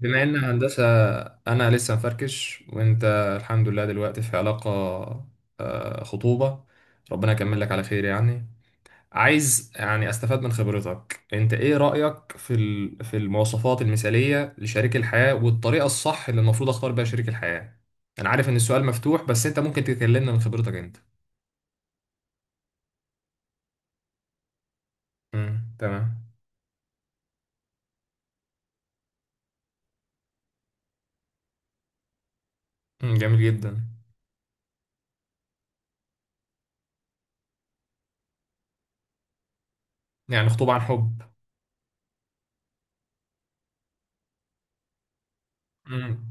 بما ان هندسة انا لسه مفركش. وانت الحمد لله دلوقتي في علاقة. خطوبة. ربنا يكمل لك على خير يعني. عايز يعني استفاد من خبرتك، انت ايه رأيك في في المواصفات المثالية لشريك الحياة والطريقة الصح اللي المفروض اختار بيها شريك الحياة؟ انا عارف ان السؤال مفتوح بس انت ممكن تكلمنا من خبرتك انت. تمام. مم، جميل جدا. يعني خطوبة عن حب. امم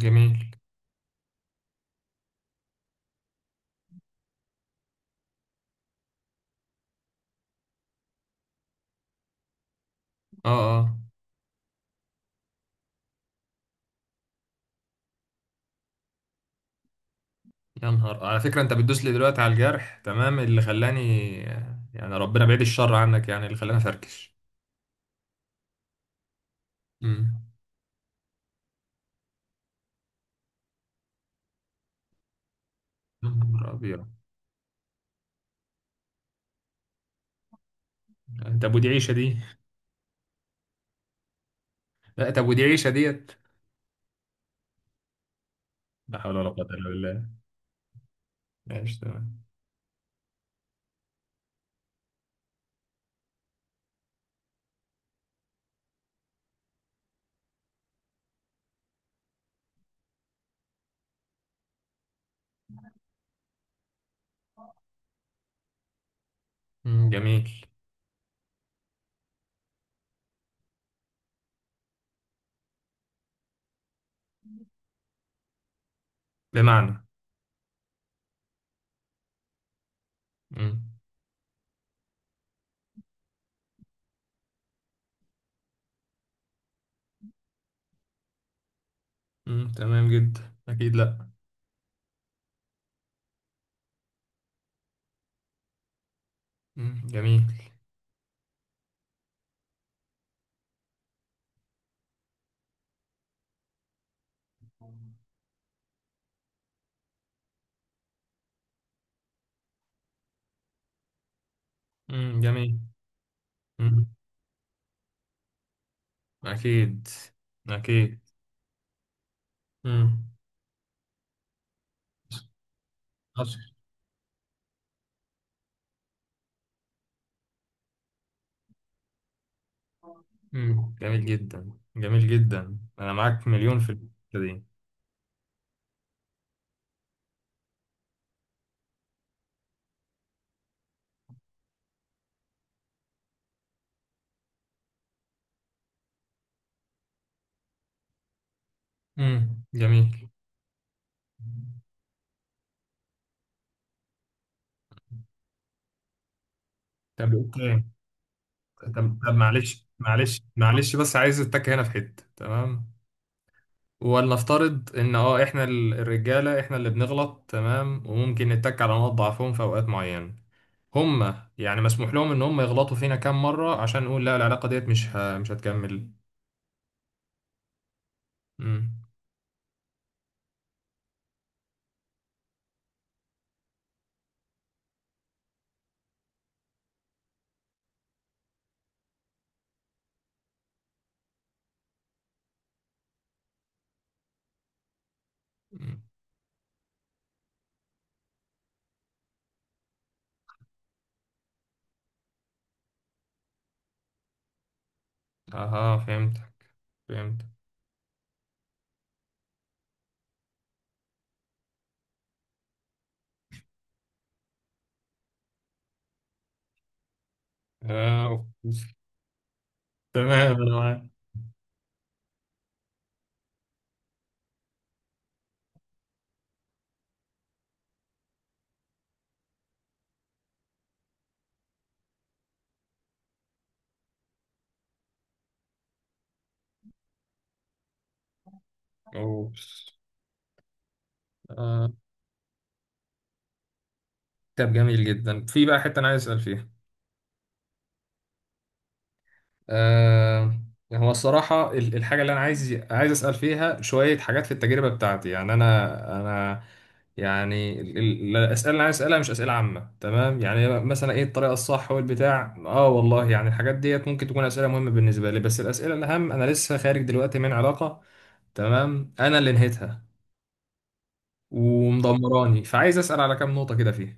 جميل. اه. اه. يا نهار، على فكرة انت بتدوس لي دلوقتي على الجرح، تمام، اللي خلاني. يعني ربنا بعيد الشر عنك، يعني اللي خلاني افركش. امم يا نهار ابيض. انت ابو دي عيشة دي. لا انت ابو دي عيشة ديت. لا حول ولا قوة الا بالله. ماشي تمام. مم، جميل. بمعنى. مم. مم، تمام جدا، اكيد لا. مم، جميل. مم، جميل. مم، اكيد. اكيد. مم. حصل. مم، جميل جدا، جميل جدا، انا معاك مليون في الحتة دي. جميل. طب اوكي. طب معلش معلش، بس عايز اتك هنا في حته، تمام. ولنفترض ان اه احنا الرجاله احنا اللي بنغلط، تمام، وممكن نتك على نقاط ضعفهم في اوقات معينه. هما يعني مسموح لهم ان هم يغلطوا فينا كام مره عشان نقول لا العلاقه ديت مش هتكمل؟ امم أمم. اها، فهمتك. فهمتك. آه، أوكي. تمام انا معاك. اوبس. آه. طب جميل جدا، في بقى حته انا عايز اسال فيها. آه، هو الصراحة الحاجة اللي أنا عايز أسأل فيها شوية حاجات في التجربة بتاعتي. يعني أنا يعني الأسئلة اللي أنا عايز أسألها مش أسئلة عامة، تمام. يعني مثلا إيه الطريقة الصح والبتاع، آه والله يعني الحاجات ديت ممكن تكون أسئلة مهمة بالنسبة لي، بس الأسئلة الأهم، أنا لسه خارج دلوقتي من علاقة. تمام، أنا اللي نهيتها، اه، ومدمراني. فعايز أسأل على كام نقطة كده فيها.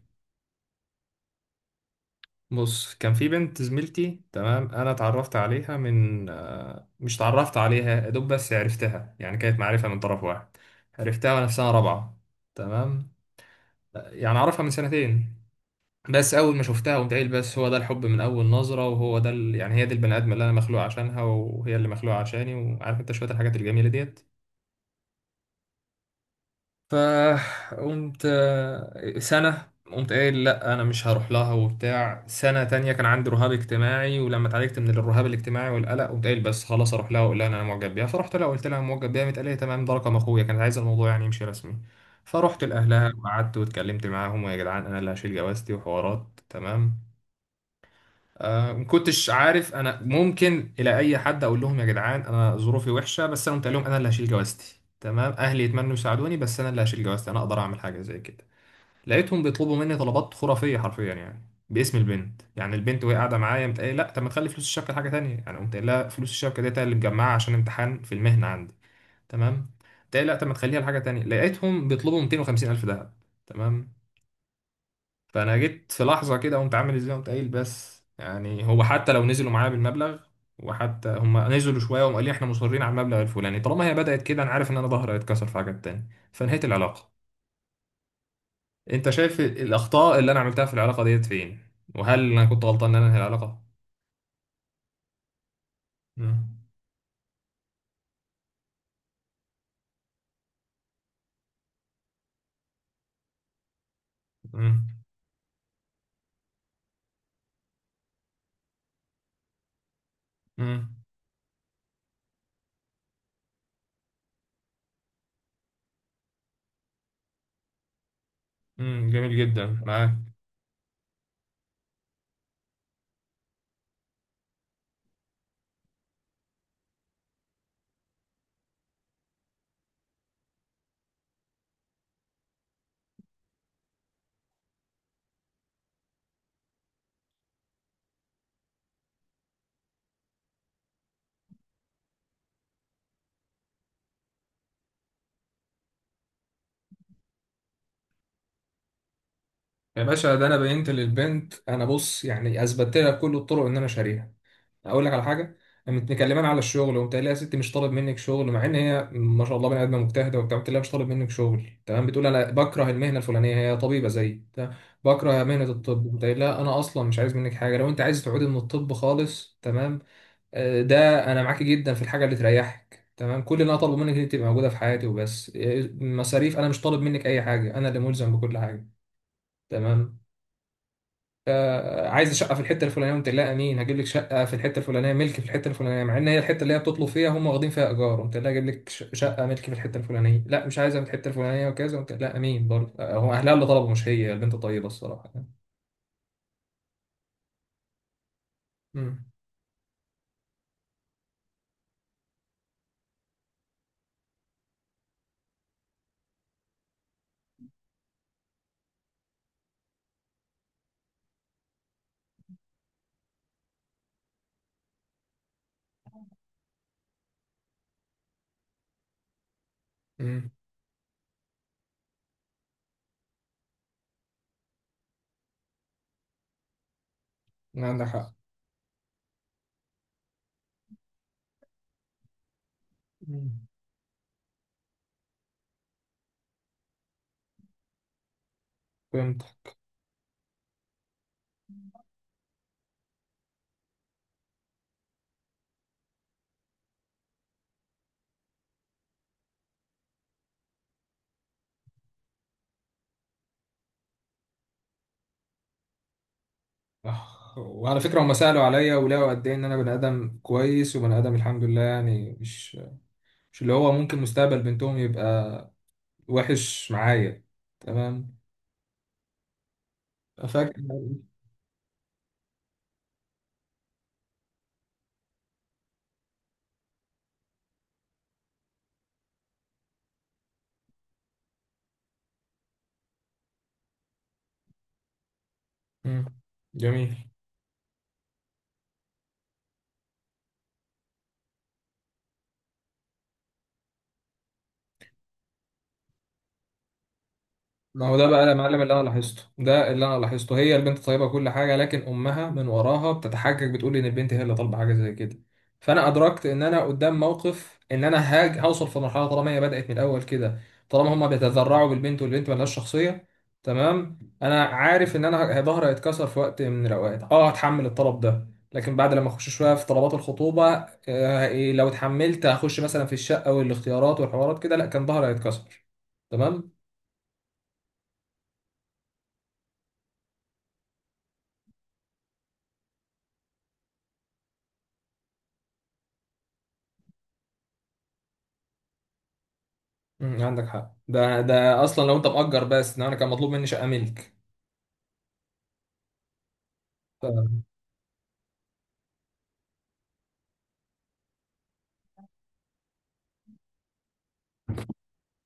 بص، كان في بنت زميلتي، تمام. انا اتعرفت عليها من مش اتعرفت عليها يا دوب، بس عرفتها، يعني كانت معرفة من طرف واحد. عرفتها وانا في سنة رابعة، تمام. يعني اعرفها من سنتين. بس اول ما شفتها قمت قايل بس هو ده الحب من اول نظرة، وهو ده يعني هي دي البني ادم اللي انا مخلوق عشانها وهي اللي مخلوقة عشاني، وعارف انت شوية الحاجات الجميلة ديت. فقمت سنة قمت قايل لا أنا مش هروح لها وبتاع. سنة تانية كان عندي رهاب اجتماعي، ولما اتعالجت من الرهاب الاجتماعي والقلق قمت قايل بس خلاص أروح لها وأقول لها إن أنا معجب بيها. فرحت لها وقلت لها أنا معجب بيها، قامت قالت لي تمام، ده رقم أخويا، كانت عايزة الموضوع يعني يمشي رسمي. فرحت لأهلها وقعدت واتكلمت معاهم، ويا جدعان أنا اللي هشيل جوازتي وحوارات، تمام. ما كنتش عارف انا ممكن الى اي حد اقول لهم يا جدعان انا ظروفي وحشه، بس انا قلت لهم انا اللي هشيل جوازتي، تمام، اهلي يتمنوا يساعدوني بس انا اللي هشيل جوازتي، انا اقدر اعمل حاجه زي كده. لقيتهم بيطلبوا مني طلبات خرافيه حرفيا يعني، باسم البنت. يعني البنت وهي قاعده معايا قمت قايل، لا طب ما تخلي فلوس الشبكه حاجه تانية، يعني قمت قايل لها فلوس الشبكه ديت أنا اللي مجمعها عشان امتحان في المهنه عندي، تمام. قمت قايل لا طب ما تخليها لحاجه تانية، لقيتهم بيطلبوا 250 الف دهب، تمام. فانا جيت في لحظه كده قمت عامل ازاي، قمت قايل بس يعني هو حتى لو نزلوا معايا بالمبلغ. وحتى هم نزلوا شويه وقالوا لي احنا مصرين على المبلغ الفلاني. طالما هي بدات كده، انا عارف ان انا ظهري هيتكسر في حاجات تاني، فنهيت العلاقه. انت شايف الاخطاء اللي انا عملتها في العلاقه ديت فين؟ وهل انا كنت غلطان ان انا انهي العلاقه؟ مم. مم. مم. مم، جميل جدا، معاك. يا باشا، ده انا بينت للبنت انا، بص يعني اثبتت لها بكل الطرق ان انا شاريها. اقول لك على حاجه، متكلمان على الشغل وقمت قايل لها يا ستي مش طالب منك شغل، مع ان هي ما شاء الله بني ادمه مجتهده وبتاع. قلت لها مش طالب منك شغل، تمام. بتقول انا بكره المهنه الفلانيه، هي طبيبه زيي، تمام. بكره مهنه الطب، قمت قايل لها انا اصلا مش عايز منك حاجه، لو انت عايز تعودي من الطب خالص، تمام. ده انا معاكي جدا في الحاجه اللي تريحك، تمام. كل اللي انا طالبه منك ان انت تبقى موجوده في حياتي وبس. مصاريف انا مش طالب منك اي حاجه، انا اللي ملزم بكل حاجه، تمام. عايز شقه في الحته الفلانيه، قمت لا امين هجيب لك شقه في الحته الفلانيه، ملك في الحته الفلانيه، مع ان هي الحته اللي هي بتطلب فيها هم واخدين فيها ايجار. قمت لا اجيب لك شقه ملك في الحته الفلانيه. لا مش عايزها في الحته الفلانيه وكذا، قمت لا امين برضه. هو اهلها اللي طلبوا، مش هي، البنت طيبه الصراحه. امم امم، عندك حق. مم. فهمت. وعلى فكره هم سالوا عليا ولقوا قد ايه ان انا بني ادم كويس، وبني ادم الحمد لله يعني، مش اللي هو ممكن مستقبل بنتهم يبقى وحش معايا، تمام. فاكر. مم، جميل. ما هو ده بقى يا معلم اللي انا لاحظته. ده اللي انا لاحظته، هي البنت طيبه كل حاجه، لكن امها من وراها بتتحجج بتقول ان البنت هي اللي طالبه حاجه زي كده. فانا ادركت ان انا قدام موقف ان انا هاج هوصل في مرحله، طالما هي بدات من الاول كده، طالما هما بيتذرعوا بالبنت والبنت ملهاش شخصيه، تمام. انا عارف ان انا ظهري هيتكسر في وقت من الاوقات، اه هتحمل الطلب ده، لكن بعد لما اخش شويه في طلبات الخطوبه. آه إيه، لو اتحملت هخش مثلا في الشقه والاختيارات والحوارات كده، لا كان ظهري هيتكسر، تمام. مم، عندك حق. ده اصلا لو انت مأجر، بس ده انا كان مطلوب مني شقة ملك. ف-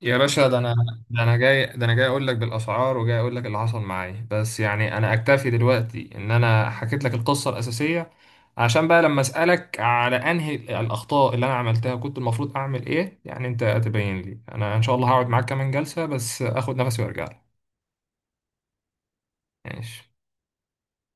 يا باشا ده انا، ده انا جاي اقول لك بالاسعار، وجاي اقول لك اللي حصل معايا، بس يعني انا اكتفي دلوقتي ان انا حكيت لك القصه الاساسيه. عشان بقى لما اسالك على انهي الاخطاء اللي انا عملتها كنت المفروض اعمل ايه، يعني انت تبين لي انا. ان شاء الله هقعد معاك كمان جلسه، بس اخد نفسي وارجع لك. ماشي.